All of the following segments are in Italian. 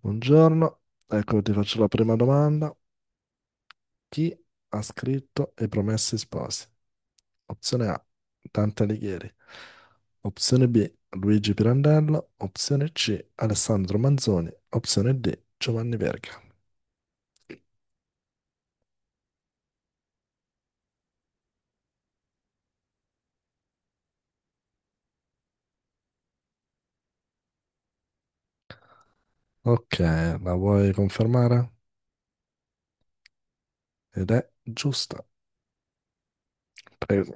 Buongiorno, ecco ti faccio la prima domanda. Chi ha scritto I Promessi Sposi? Opzione A, Dante Alighieri. Opzione B, Luigi Pirandello. Opzione C, Alessandro Manzoni. Opzione D, Giovanni Verga. Ok, la vuoi confermare? Ed è giusta. Prego.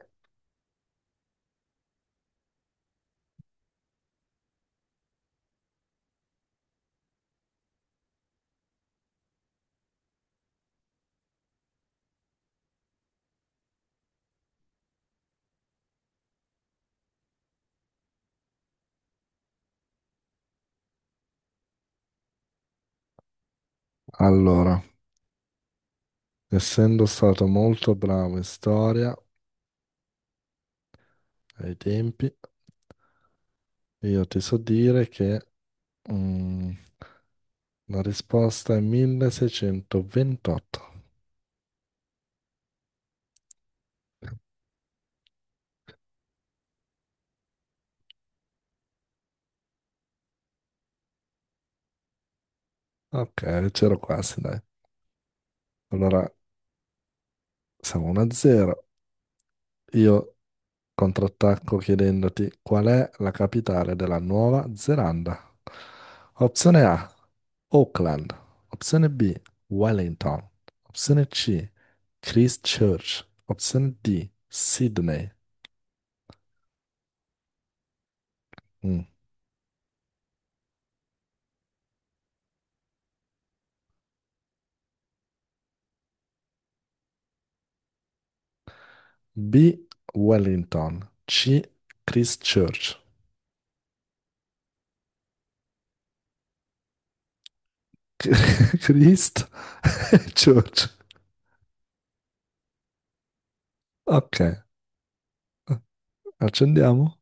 Allora, essendo stato molto bravo in storia ai tempi, io ti so dire che mm, la risposta è 1628. Ok, c'ero quasi, dai. Allora, siamo 1-0. Io contrattacco chiedendoti qual è la capitale della Nuova Zelanda. Opzione A, Auckland. Opzione B, Wellington. Opzione C, Christchurch. Opzione D, Sydney. Mm. B, Wellington. C, Christchurch. Christ Church. Ok, accendiamo.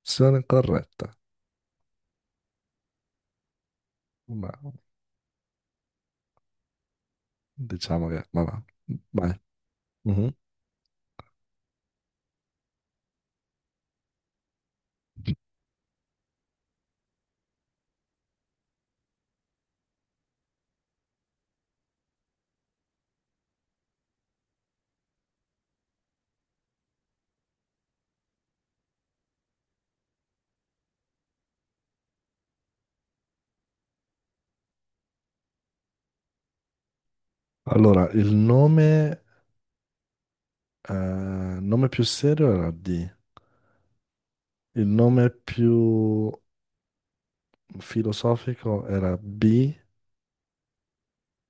Opzione corretta. Ma diciamo che, vabbè, vai. Mhm. Allora, il nome, nome più serio era D, il nome più filosofico era B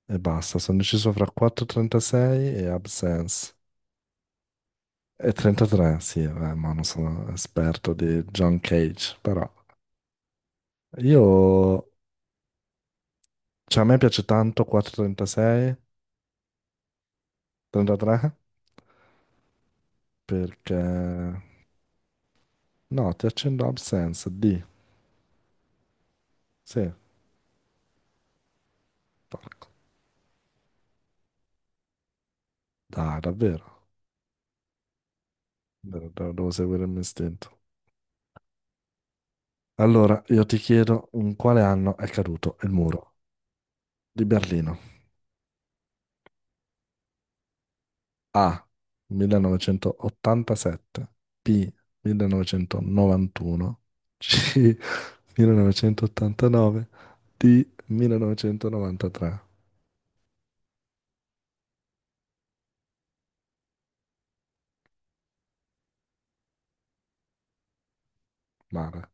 e basta. Sono deciso fra 4.36 e Absence. E 33, sì, vabbè, ma non sono esperto di John Cage, però io, cioè a me piace tanto 4.36, 33, perché. No, ti accendo Absence, D, sì, porco. Dai, davvero, devo devo seguire il mio istinto. Allora, io ti chiedo in quale anno è caduto il muro di Berlino? A. 1987, B. 1991, C. 1989, D. 1993. Male.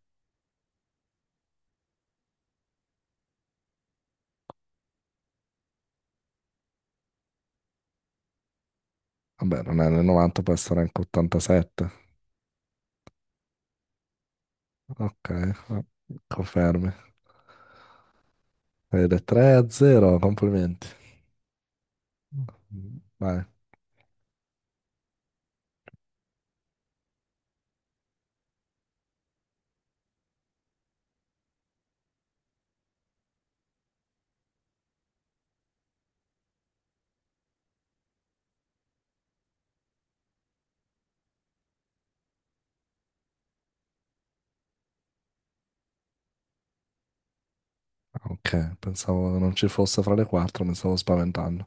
Vabbè, non è nel 90, può essere anche 87. Ok, confermi. Ed è 3 a 0, complimenti. Vai. Ok, pensavo non ci fosse fra le quattro, mi stavo spaventando.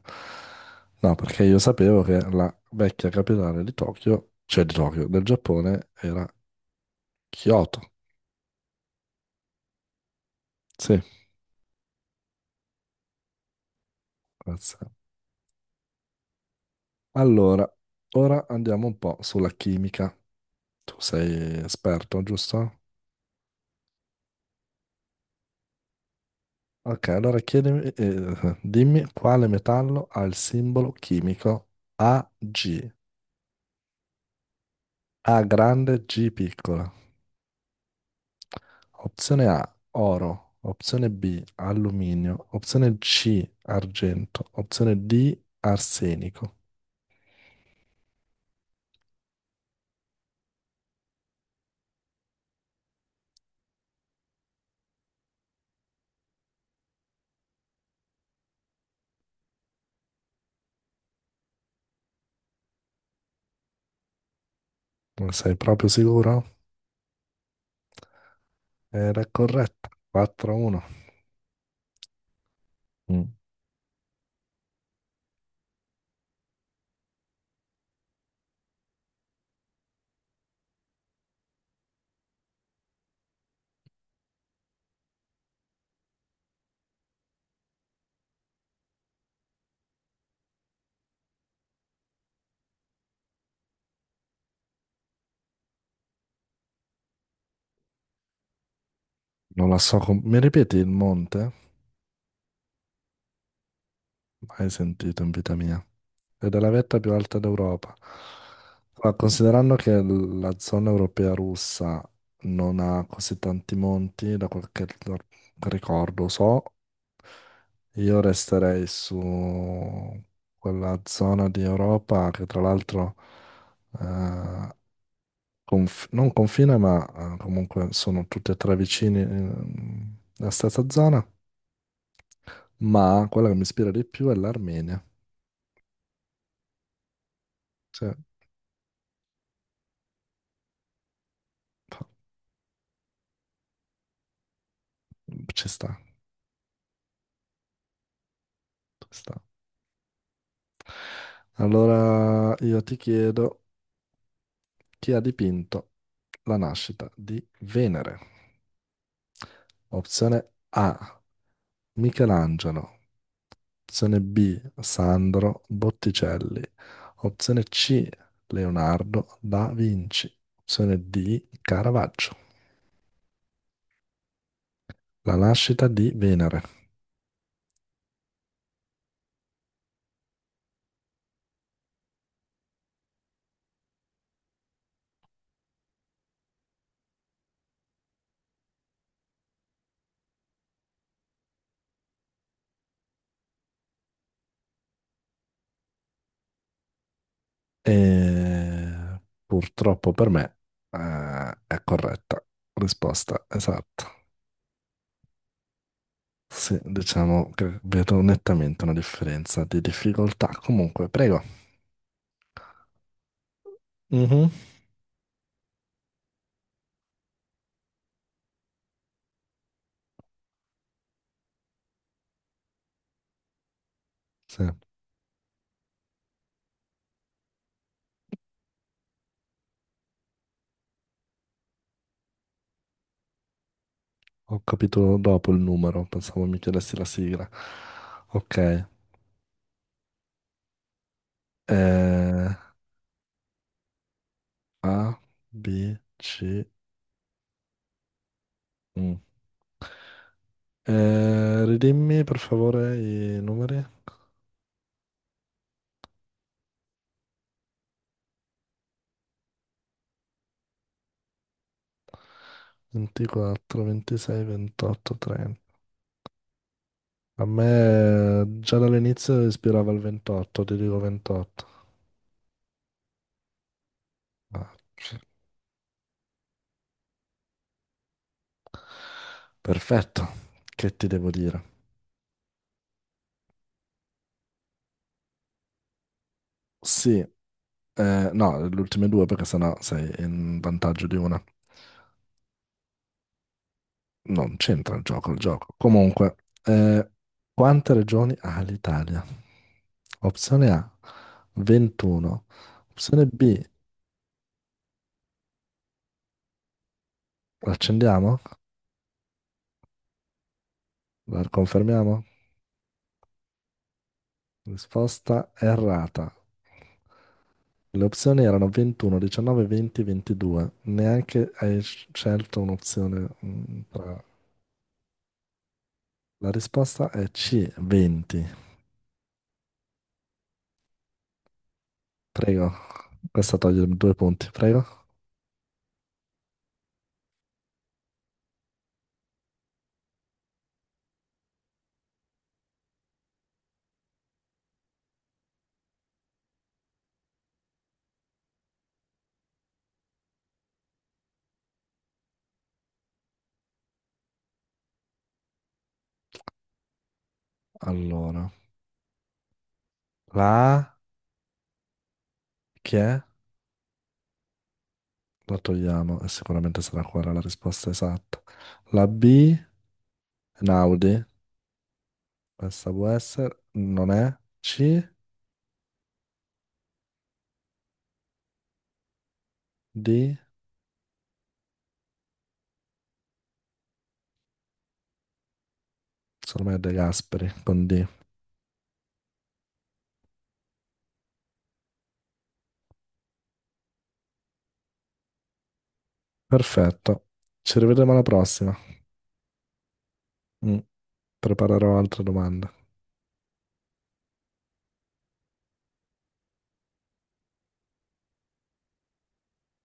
No, perché io sapevo che la vecchia capitale di Tokyo, cioè di Tokyo, del Giappone, era Kyoto. Sì, grazie. Allora, ora andiamo un po' sulla chimica. Tu sei esperto, giusto? Ok, allora dimmi quale metallo ha il simbolo chimico AG, A grande, G piccola. Opzione A, oro. Opzione B, alluminio. Opzione C, argento. Opzione D, arsenico. Non sei proprio sicuro? Era corretta. 4-1. Mm, Non la so. Mi ripeti il monte? Mai sentito in vita mia. Ed è la vetta più alta d'Europa. Ma considerando che la zona europea russa non ha così tanti monti, da quel che ricordo so, io resterei su quella zona di Europa che tra l'altro eh, non confina, ma comunque sono tutti e tre vicini alla stessa zona, ma quella che mi ispira di più è l'Armenia. Sì. Ci sta, ci sta. Allora io ti chiedo chi ha dipinto la nascita di Venere? Opzione A, Michelangelo. Opzione B, Sandro Botticelli. Opzione C, Leonardo da Vinci. Opzione D, Caravaggio. La nascita di Venere. E purtroppo per me eh, è corretta. Risposta esatta. Sì, diciamo che vedo nettamente una differenza di difficoltà. Comunque, prego. Mhm. Sì, ho capito dopo il numero, pensavo mi chiedessi la sigla. Ok. eh, A, B, C, U. Ridimmi per favore i numeri. 24, 26, 28, 30. A me già dall'inizio ispirava il 28, ti dico 28. Ah, sì. Perfetto, che ti devo dire? Sì, no, le ultime due perché sennò sei in vantaggio di una. Non c'entra il gioco, il gioco. Comunque, eh, quante regioni ha l'Italia? Opzione A, 21. Opzione B, l'accendiamo? La confermiamo? Risposta errata. Le opzioni erano 21, 19, 20, 22. Neanche hai scelto un'opzione tra. La risposta è C, 20. Prego, questa toglie due punti, prego. Allora, la A che è? La togliamo e sicuramente sarà quella la risposta esatta. La B, Naudi, questa può essere, non è. C, D, secondo me è De Gasperi con D. Perfetto, ci rivedremo alla prossima. Mm, Preparerò altre domande.